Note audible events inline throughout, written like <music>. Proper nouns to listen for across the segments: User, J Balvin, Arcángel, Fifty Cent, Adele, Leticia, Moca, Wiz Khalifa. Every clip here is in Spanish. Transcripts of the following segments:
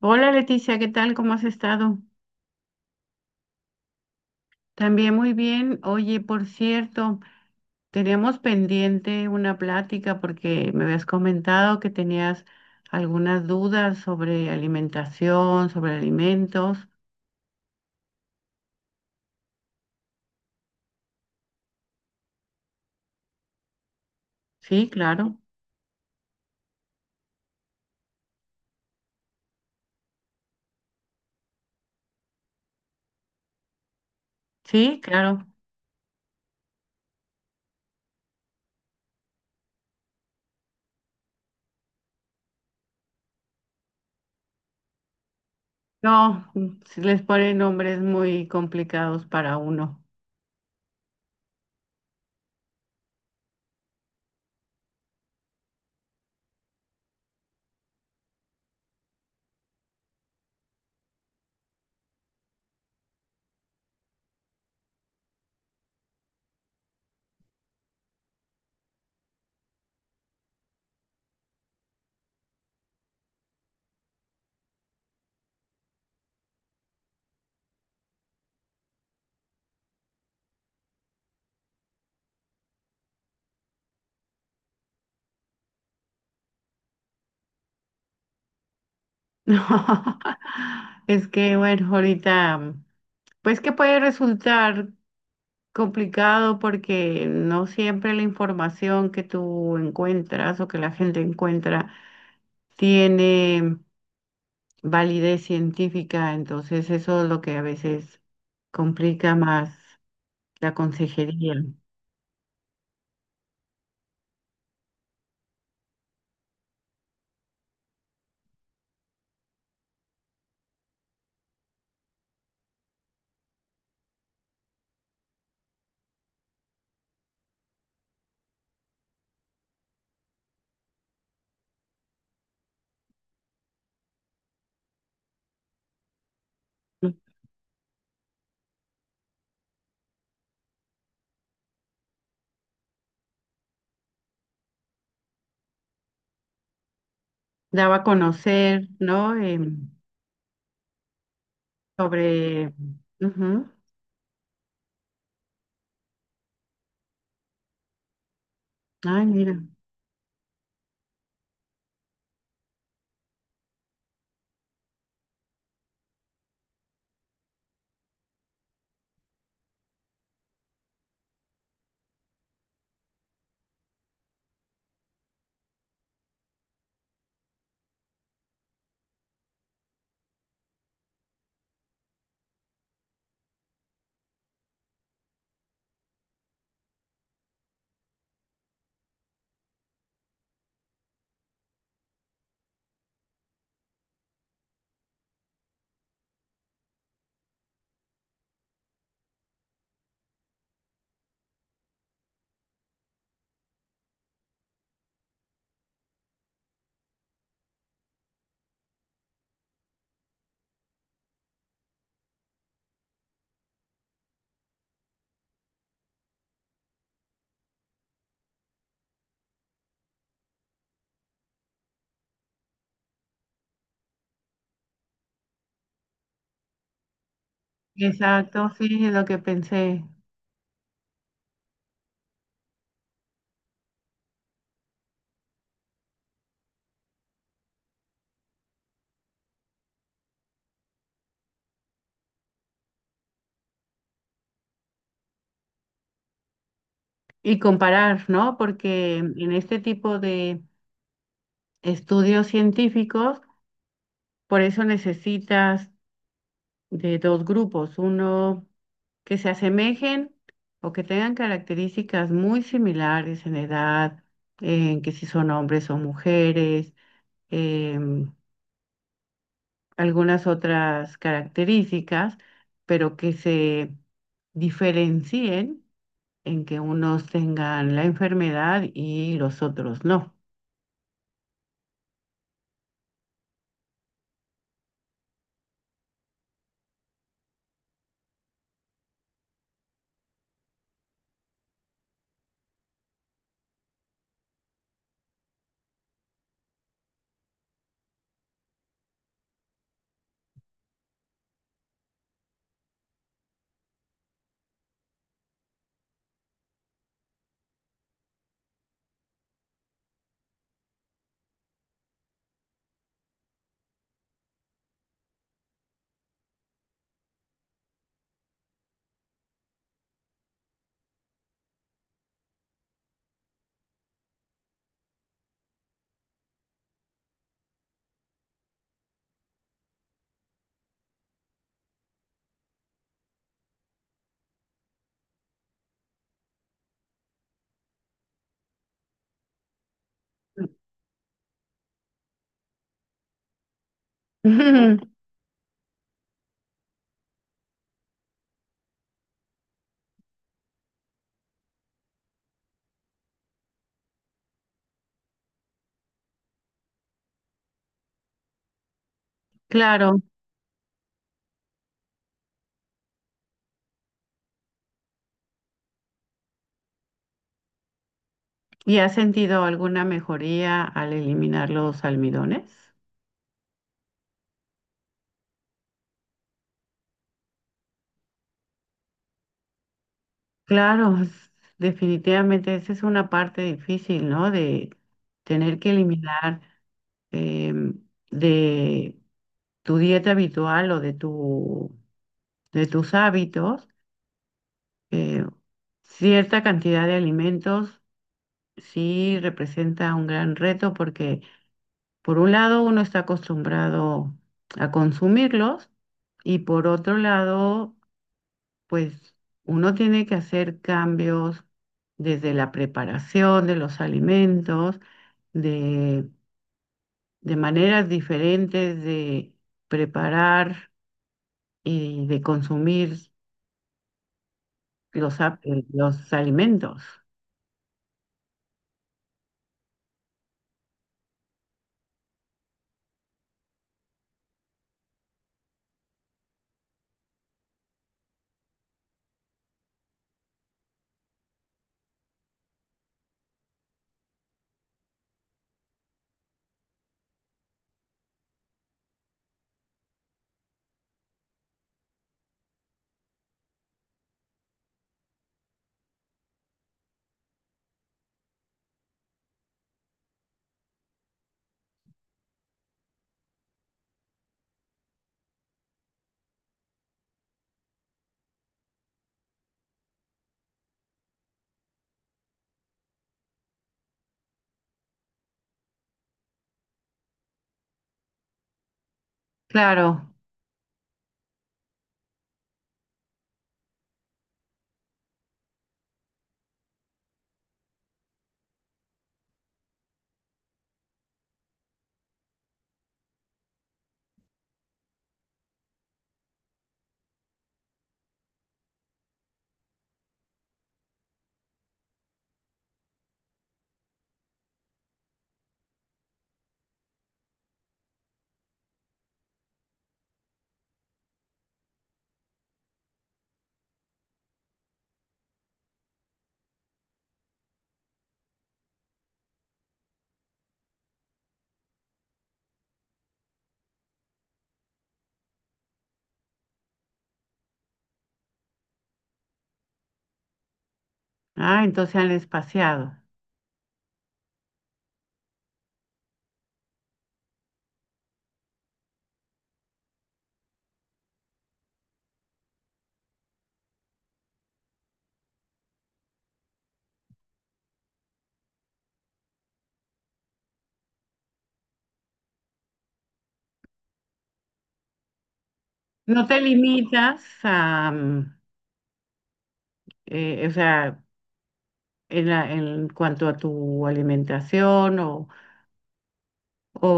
Hola Leticia, ¿qué tal? ¿Cómo has estado? También muy bien. Oye, por cierto, teníamos pendiente una plática porque me habías comentado que tenías algunas dudas sobre alimentación, sobre alimentos. Sí, claro. Sí, claro. No, si les ponen nombres muy complicados para uno. <laughs> No, es que bueno, ahorita, pues que puede resultar complicado porque no siempre la información que tú encuentras o que la gente encuentra tiene validez científica, entonces eso es lo que a veces complica más la consejería. ¿No? Daba a conocer, ¿no? Sobre... Ujú. Ay, mira. Exacto, sí, es lo que pensé. Y comparar, ¿no? Porque en este tipo de estudios científicos, por eso necesitas de dos grupos, uno que se asemejen o que tengan características muy similares en edad, en que si son hombres o mujeres, em, algunas otras características, pero que se diferencien en que unos tengan la enfermedad y los otros no. <laughs> Claro, ¿y has sentido alguna mejoría al eliminar los almidones? Claro, <laughs> definitivamente esa es una parte difícil, ¿no? De tener que eliminar, em, de tu dieta habitual de tus hábitos, eh, cierta cantidad de alimentos sí representa un gran reto porque por un lado uno está acostumbrado a consumirlos y por otro lado pues uno tiene que hacer cambios desde la preparación de los alimentos, de, de maneras diferentes de preparar y de consumir los alimentos. Claro, ah, entonces han espaciado. No te limitas a, o sea, en cuanto a tu alimentación o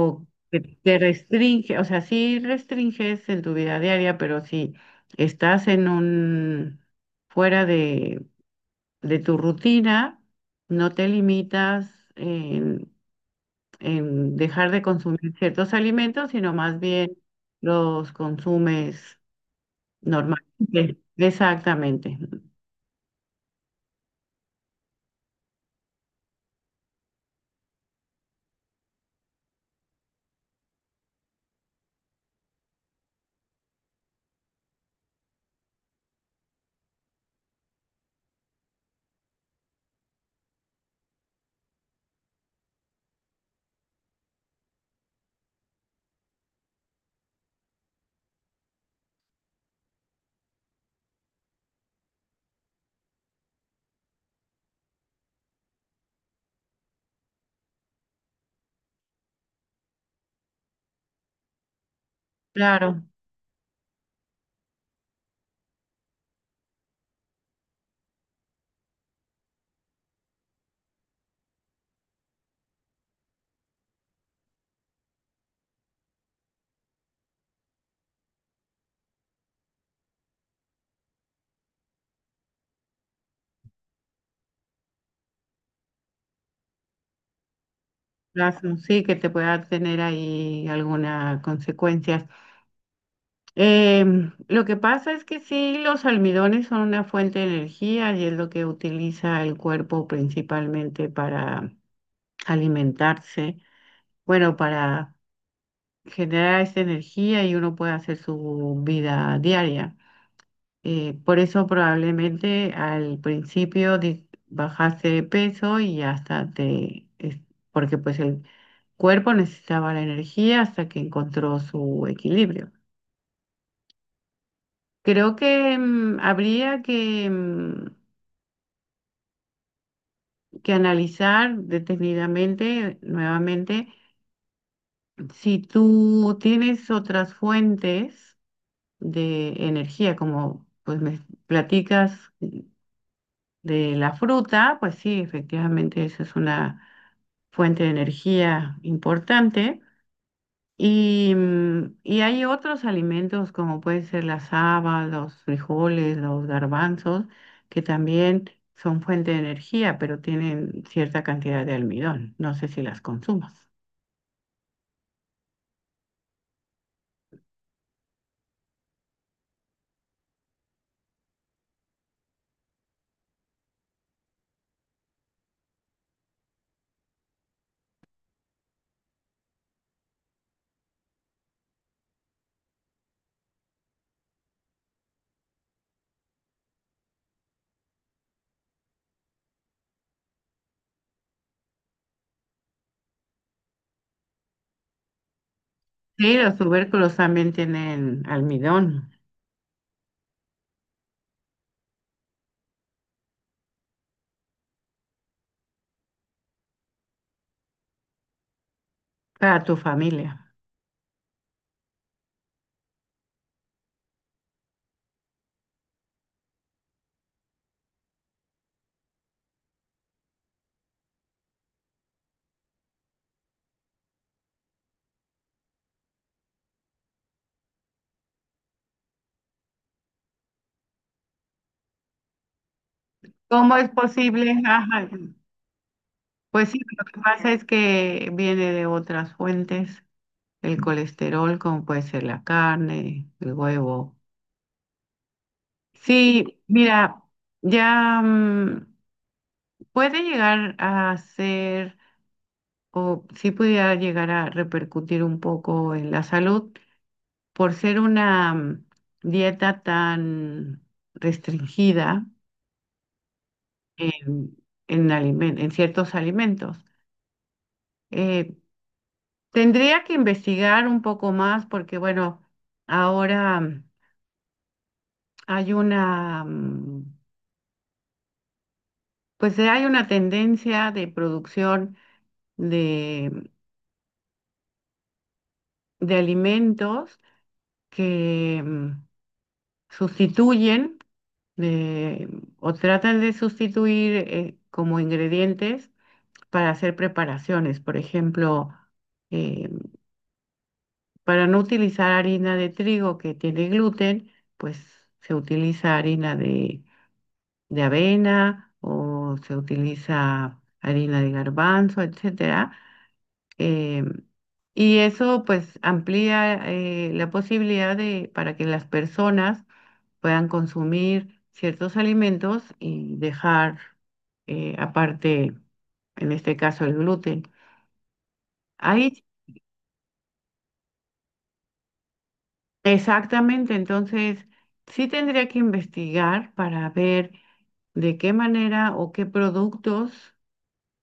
que te restringe, o sea, sí restringes en tu vida diaria, pero si estás en un fuera de tu rutina, no te limitas en dejar de consumir ciertos alimentos, sino más bien los consumes normalmente. Exactamente. Claro, razón, sí que te pueda tener ahí alguna consecuencia. Lo que pasa es que sí, los almidones son una fuente de energía y es lo que utiliza el cuerpo principalmente para alimentarse, bueno, para generar esa energía y uno puede hacer su vida diaria. Por eso probablemente al principio bajaste de peso y hasta porque pues el cuerpo necesitaba la energía hasta que encontró su equilibrio. Creo que, habría que analizar detenidamente nuevamente si tú tienes otras fuentes de energía, como pues me platicas de la fruta, pues sí, efectivamente esa es una fuente de energía importante. Y, y hay otros alimentos como puede ser las habas, los frijoles, los garbanzos, que también son fuente de energía, pero tienen cierta cantidad de almidón. No sé si las consumas. Sí, los tubérculos también tienen almidón para tu familia. ¿Cómo es posible? Ajá. Pues sí, lo que pasa es que viene de otras fuentes, el colesterol, como puede ser la carne, el huevo. Sí, mira, ya, puede llegar a ser, o sí pudiera llegar a repercutir un poco en la salud por ser una, dieta tan restringida en, en ciertos alimentos. Eh, Tendría que investigar un poco más porque, bueno, ahora, hay pues hay una tendencia de producción de alimentos que, sustituyen de- o tratan de sustituir, como ingredientes para hacer preparaciones. Por ejemplo, eh, para no utilizar harina de trigo que tiene gluten, pues se utiliza harina de avena o se utiliza harina de garbanzo, etcétera. Em, y eso pues amplía, la posibilidad de para que las personas puedan consumir ciertos alimentos y dejar, aparte, en este caso, el gluten. Ahí, sí, exactamente, entonces sí tendría que investigar para ver de qué manera o qué productos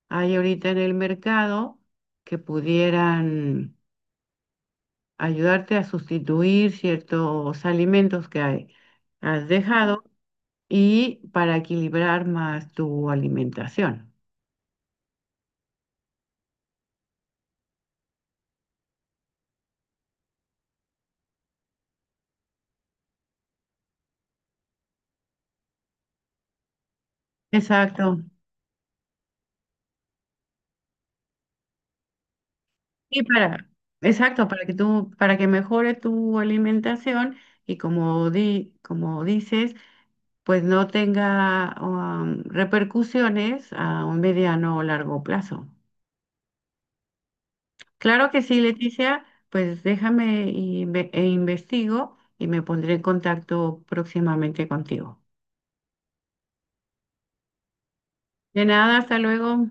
hay ahorita en el mercado que pudieran ayudarte a sustituir ciertos alimentos que has dejado y para equilibrar más tu alimentación. Exacto. Y para, exacto, para que tú, para que mejore tu alimentación y como di, como dices, pues no tenga, repercusiones a un mediano o largo plazo. Claro que sí, Leticia, pues déjame y e investigo y me pondré en contacto próximamente contigo. De nada, hasta luego.